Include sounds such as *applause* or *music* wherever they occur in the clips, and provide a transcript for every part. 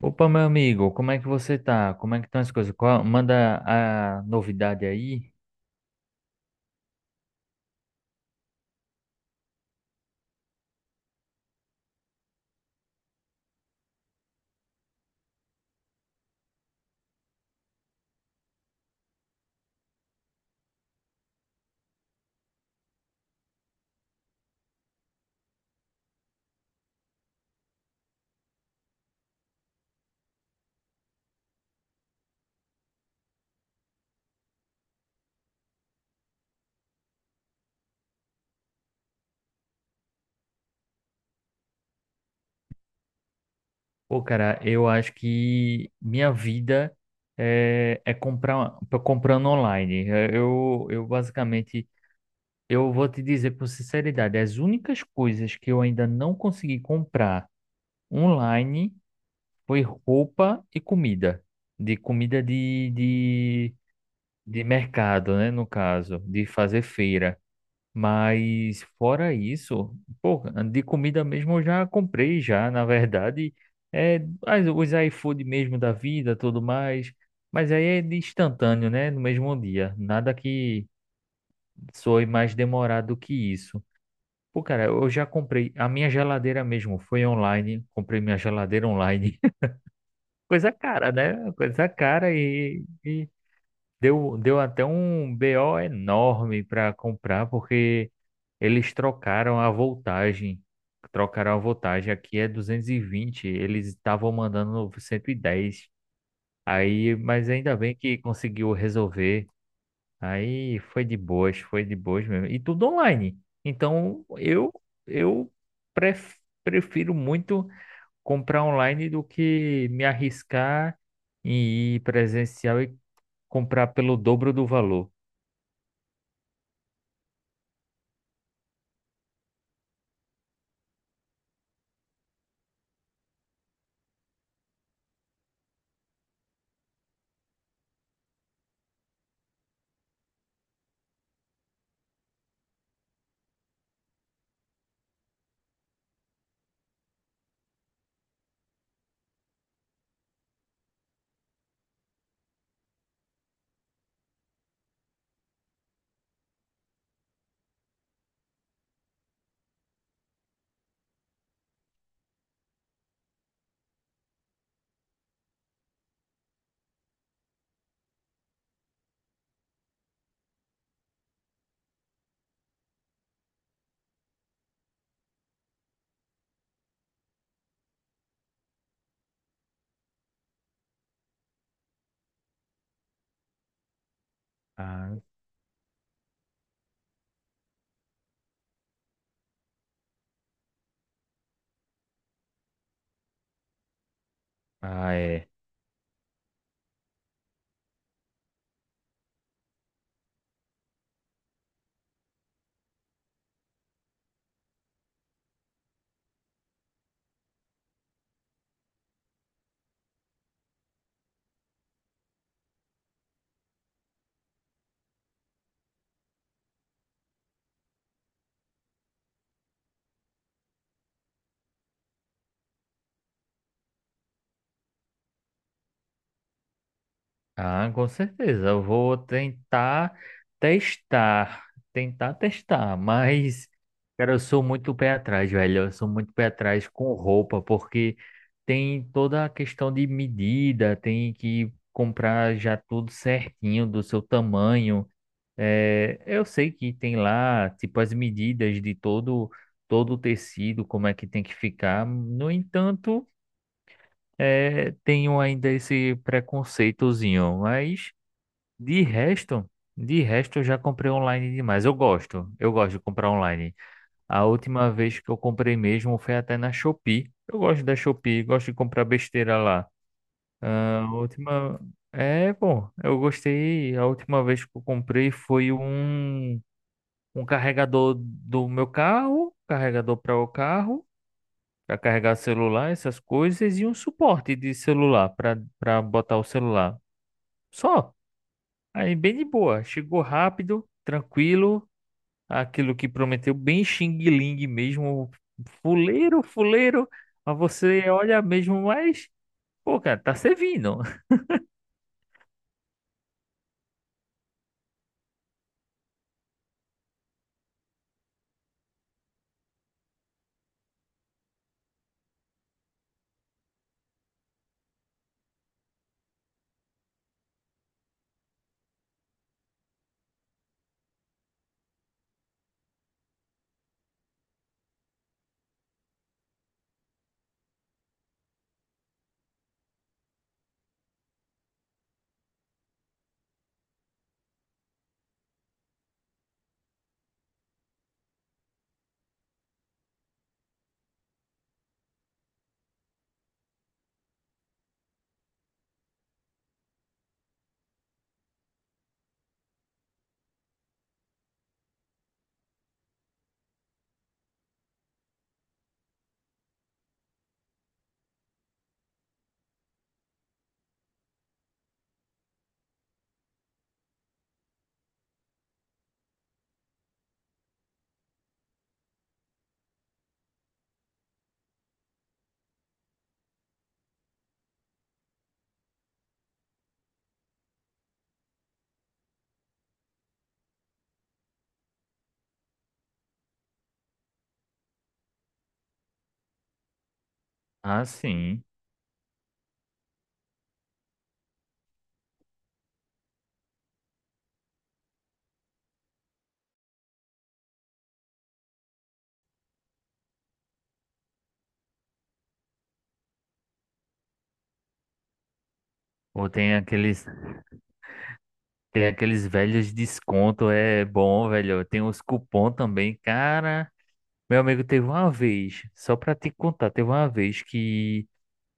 Opa, meu amigo, como é que você tá? Como é que estão as coisas? Manda a novidade aí. Pô, cara, eu acho que minha vida é comprar, tô comprando online. Eu basicamente, eu vou te dizer com sinceridade, as únicas coisas que eu ainda não consegui comprar online foi roupa e comida. De comida de mercado, né? No caso, de fazer feira. Mas fora isso, pô, de comida mesmo eu já comprei já, na verdade, é, os iFood mesmo da vida, tudo mais, mas aí é de instantâneo, né, no mesmo dia, nada que soe mais demorado que isso. Pô, cara, eu já comprei a minha geladeira mesmo, foi online, comprei minha geladeira online, *laughs* coisa cara, né, coisa cara e. Deu até um BO enorme para comprar, porque eles trocaram a voltagem. Trocaram a voltagem. Aqui é 220, eles estavam mandando 110. Aí, mas ainda bem que conseguiu resolver. Aí foi de boas mesmo. E tudo online. Então, eu pref- prefiro muito comprar online do que me arriscar em ir presencial e comprar pelo dobro do valor. Ah, ah, é. Ah, com certeza. Eu vou tentar testar. Tentar testar, mas, cara, eu sou muito pé atrás, velho. Eu sou muito pé atrás com roupa, porque tem toda a questão de medida, tem que comprar já tudo certinho do seu tamanho. É, eu sei que tem lá, tipo, as medidas de todo o tecido, como é que tem que ficar. No entanto, é, tenho ainda esse preconceitozinho, mas de resto, de resto eu já comprei online demais. Eu gosto de comprar online. A última vez que eu comprei mesmo foi até na Shopee. Eu gosto da Shopee, gosto de comprar besteira lá. Ah, a última. É, bom, eu gostei. A última vez que eu comprei foi um carregador do meu carro, carregador para o carro para carregar celular, essas coisas, e um suporte de celular para botar o celular. Só. Aí bem de boa. Chegou rápido, tranquilo, aquilo que prometeu, bem Xing Ling mesmo, fuleiro, fuleiro. Mas você olha mesmo, mas, pô, cara, tá servindo. *laughs* Ah, sim. Ou tem aqueles, tem aqueles velhos desconto, é bom, velho. Tem os cupom também, cara. Meu amigo, teve uma vez, só pra te contar, teve uma vez que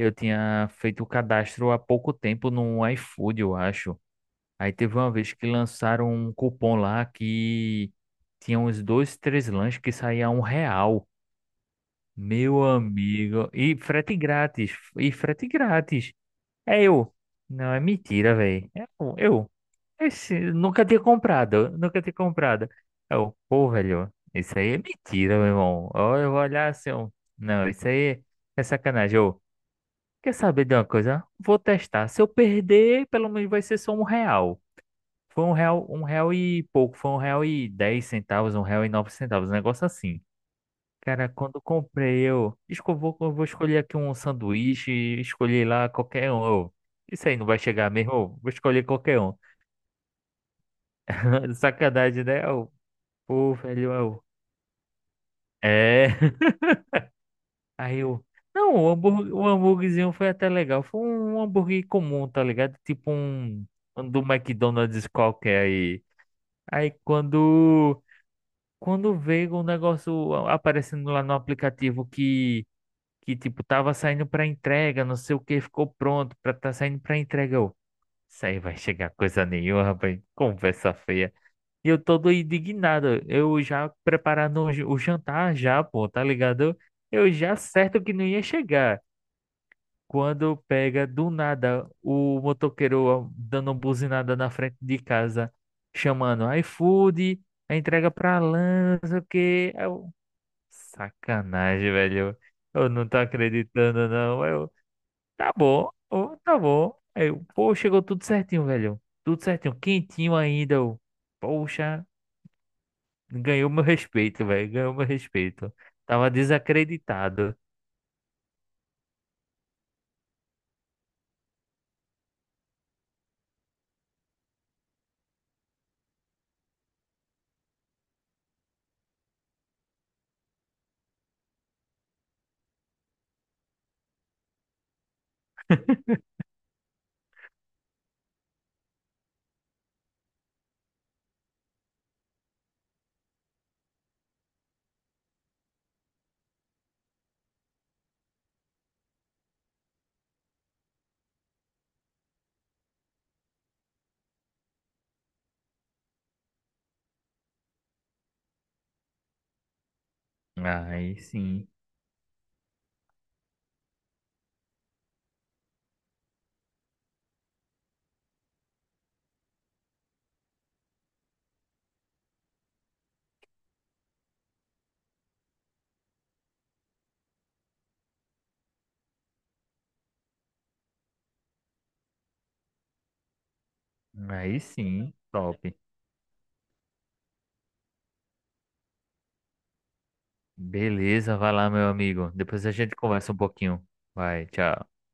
eu tinha feito o cadastro há pouco tempo no iFood, eu acho. Aí teve uma vez que lançaram um cupom lá que tinha uns dois, três lanches que saía R$ 1. Meu amigo. E frete grátis. E frete grátis. É eu. Não, é mentira, velho. Eu. Esse, nunca tinha comprado. Nunca tinha comprado. Pô, velho. Isso aí é mentira, meu irmão. Ó, eu vou olhar assim. Ó. Não, isso aí é sacanagem. Ô. Quer saber de uma coisa? Vou testar. Se eu perder, pelo menos vai ser só R$ 1. Foi um real e pouco. Foi R$ 1,10, R$ 1,09. Um negócio assim. Cara, quando comprei, vou, eu vou escolher aqui um sanduíche, escolhi lá qualquer um. Eu, isso aí não vai chegar mesmo. Eu, vou escolher qualquer um. *laughs* Sacanagem, né? Eu, pô, velho, eu, é. Aí eu. Não, o hambúrguer, o hambúrguerzinho foi até legal. Foi um hambúrguer comum, tá ligado? Tipo um, um do McDonald's qualquer aí. Aí quando, quando veio um negócio aparecendo lá no aplicativo que tipo, tava saindo pra entrega, não sei o que, ficou pronto pra tá saindo pra entrega. Eu, isso aí vai chegar coisa nenhuma, rapaz. Conversa feia. E eu todo indignado. Eu já preparando o jantar já, pô, tá ligado? Eu já certo que não ia chegar. Quando pega do nada o motoqueiro dando uma buzinada na frente de casa, chamando iFood, a entrega pra lá, não sei o quê. Aí eu, sacanagem, velho. Eu não tô acreditando, não. Aí eu, tá bom, ô, tá bom. Aí eu, pô, chegou tudo certinho, velho. Tudo certinho, quentinho ainda. Eu, poxa, ganhou meu respeito, velho. Ganhou meu respeito. Tava desacreditado. Aí sim, aí sim, top. Beleza, vai lá, meu amigo. Depois a gente conversa um pouquinho. Vai, tchau.